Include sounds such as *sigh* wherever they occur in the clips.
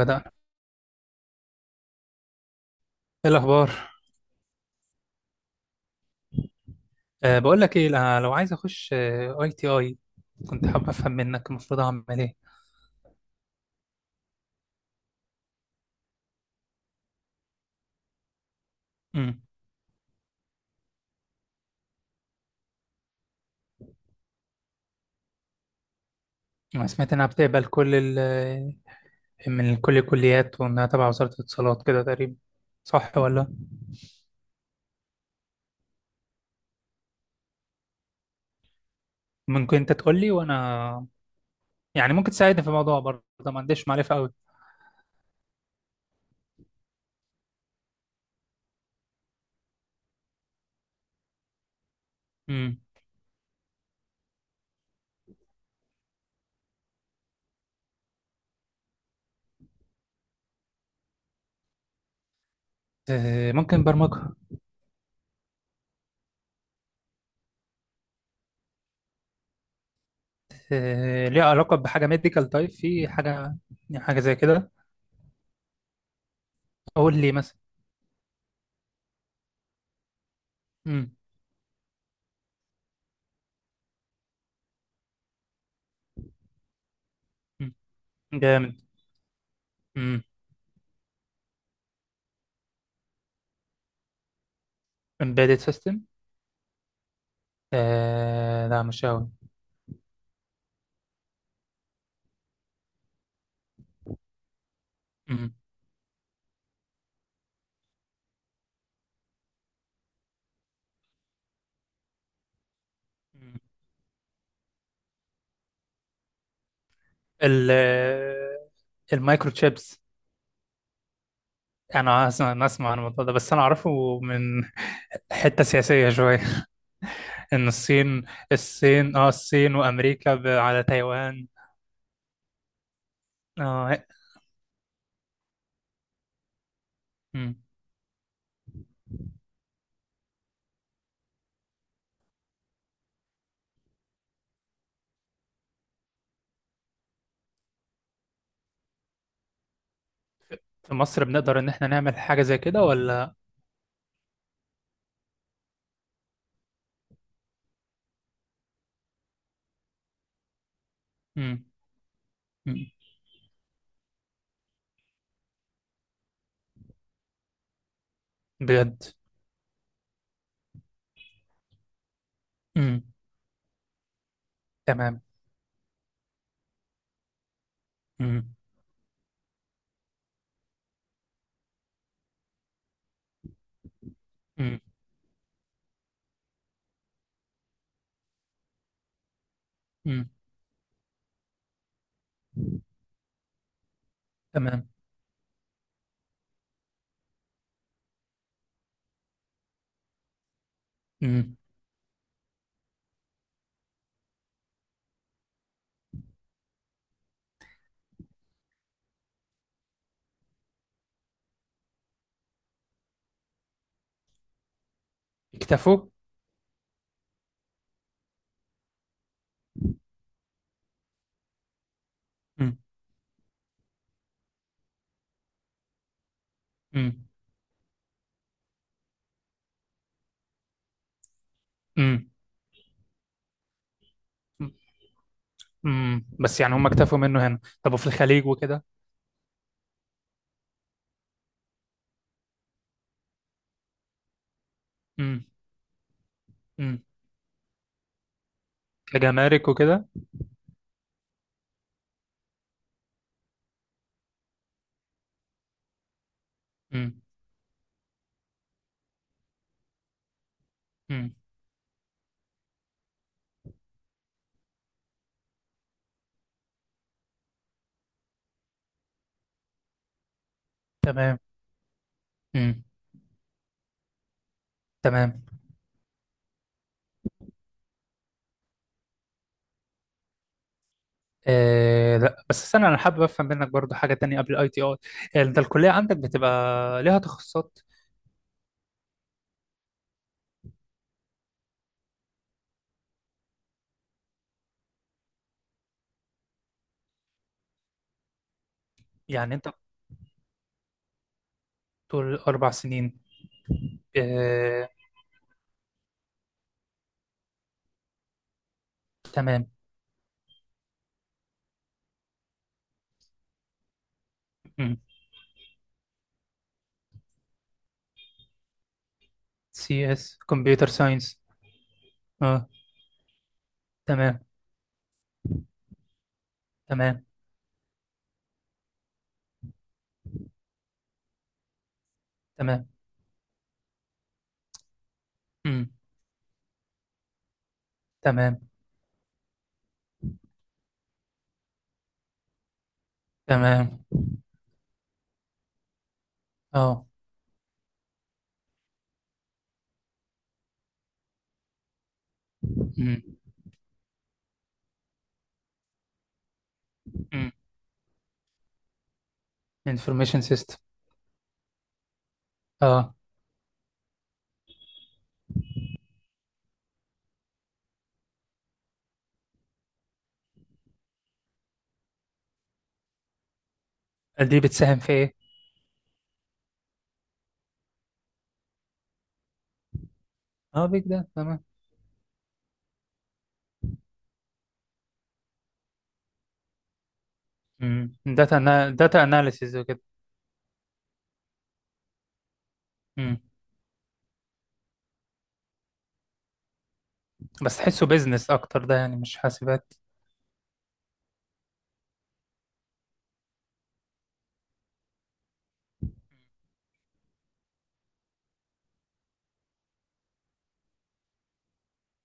بدأ. ايه الاخبار؟ بقول لك ايه. لو عايز اخش ITI، كنت حابب افهم منك المفروض اعمل ايه. امم. انا سمعت انها بتقبل كل ال آه، من كل الكليات، وانها تبع وزارة الاتصالات كده تقريبا. صح ولا؟ ممكن انت تقول لي وانا، يعني ممكن تساعدني في الموضوع برضه، ما عنديش معرفة قوي. امم. ممكن برمجة. ليها علاقة بحاجة ميديكال تايب، في حاجة حاجة زي كده قول لي مثلا. امم. أمم. جامد. امم. embedded system. آه، لا مش قوي. مم. مم. ال المايكرو تشيبس. انا اسمع أنا اسمع عن الموضوع ده، بس انا اعرفه من حته سياسيه شويه. *laughs* ان الصين وامريكا على تايوان. اه. مم. في مصر بنقدر ان احنا نعمل حاجه زي كده ولا؟ مم. مم. بجد. مم. تمام. مم. مم. مم. تمام. مم. اكتفوا مم. مم. مم. امم، بس يعني هم اكتفوا منه هنا، طب وفي الخليج وكده؟ امم. امم. كجمارك وكده؟ امم. امم. تمام. امم. تمام. آه لا، بس استنى، انا حابب افهم منك برضو حاجه تانية قبل الاي تي اي. انت الكليه عندك بتبقى ليها تخصصات؟ يعني انت طول 4 سنين. آه. تمام. امم. CS، كمبيوتر ساينس. اه. تمام. تمام. تمام. امم. تمام. تمام. اه. امم. امم. انفورميشن سيستم. اه. دي بتساهم في ايه؟ اه، بيج داتا، تمام. امم، داتا اناليسيز وكده. امم، بس تحسه بيزنس اكتر ده يعني، مش حاسبات.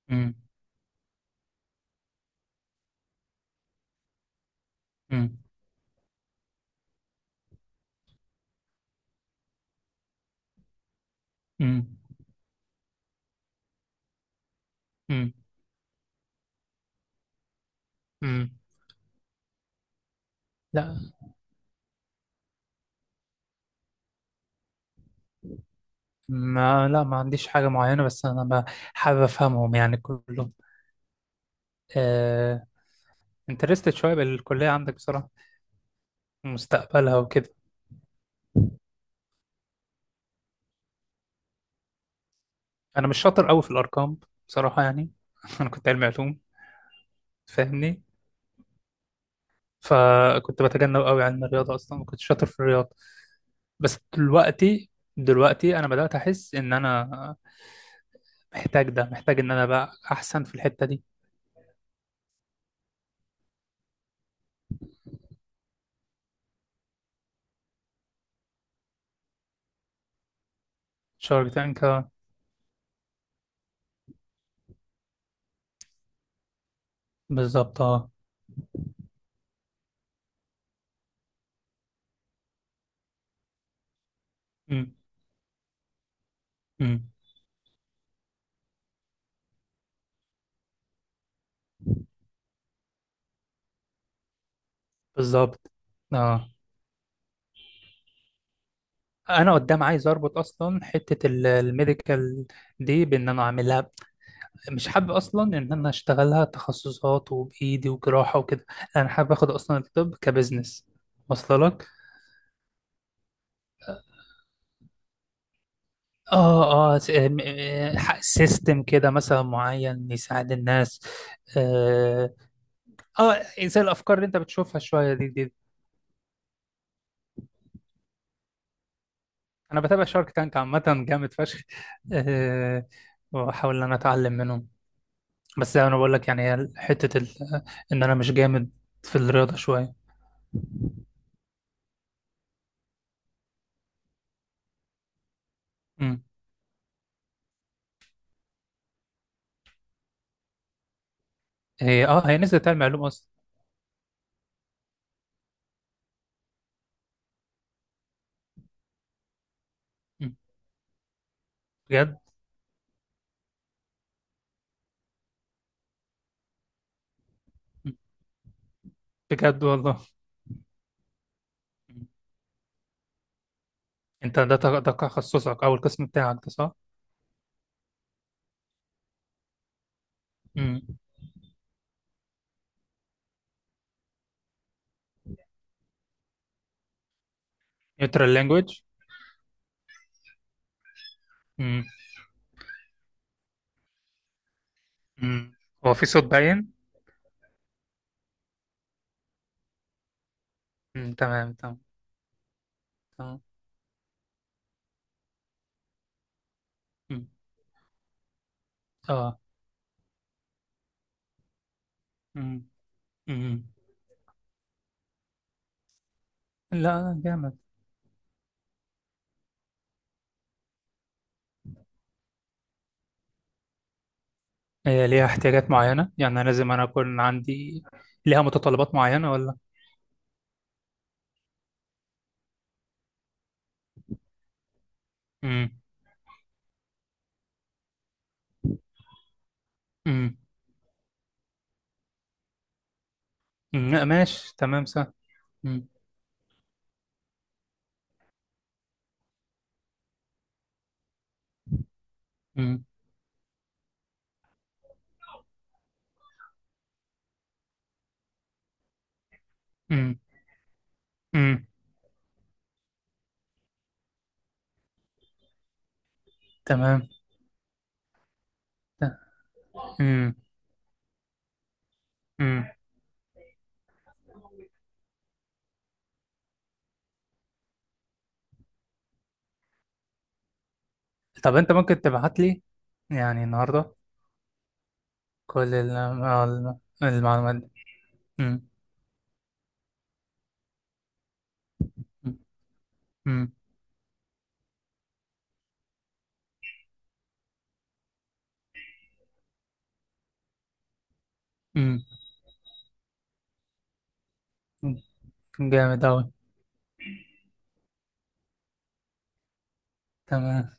امم. امم. امم. امم. امم. لا لا، ما عنديش حاجة معينة، بس انا حابب افهمهم يعني كلهم. آه... انترستد شوية بالكلية عندك بصراحة، مستقبلها وكده. انا مش شاطر قوي في الارقام بصراحة يعني *laughs* انا كنت علمي علوم، فاهمني. فكنت بتجنب قوي علم الرياضة، اصلا ما كنتش شاطر في الرياضة. بس دلوقتي، انا بدأت احس ان انا محتاج ان انا بقى احسن في الحتة دي. شارك تانك، بالظبط اه. أمم، أمم، بالظبط اه. انا قدام عايز اربط اصلا حتة الميديكال دي، بان انا اعملها. مش حابب اصلا ان انا اشتغلها تخصصات وبايدي وجراحة وكده. انا حابب اخد اصلا الطب كبزنس واصله لك. اه اه، سيستم كده مثلا معين يساعد الناس. آه، اه، زي الافكار اللي انت بتشوفها شويه دي. انا بتابع شارك تانك عامه، جامد فشخ. أه. واحاول ان انا اتعلم منهم. بس زي ما انا بقول لك، يعني هي حته ان انا مش جامد في الرياضه شويه. امم. هي نزلت علم علوم اصلا. أمم. بجد. أمم. بجد والله. أمم. انت ده تخصصك او القسم بتاعك ده صح؟ امم. نيوترال لانجويج. امم. أمم. هو في صوت باين؟ أمم، تمام تمام. تمام. أمم. اه. أمم. أمم. لا، جامد. هي ليها احتياجات معينة، يعني أنا أكون عندي ليها متطلبات معينة ولا؟ امم. امم. أمم، لا، ماشي تمام صح. امم. امم. امم. أمم، تمام. امم. امم. طب أنت ممكن تبعت لي يعني النهاردة كل المعلومات دي. امم. امم. امم. أمم، جامد أوي. تمام.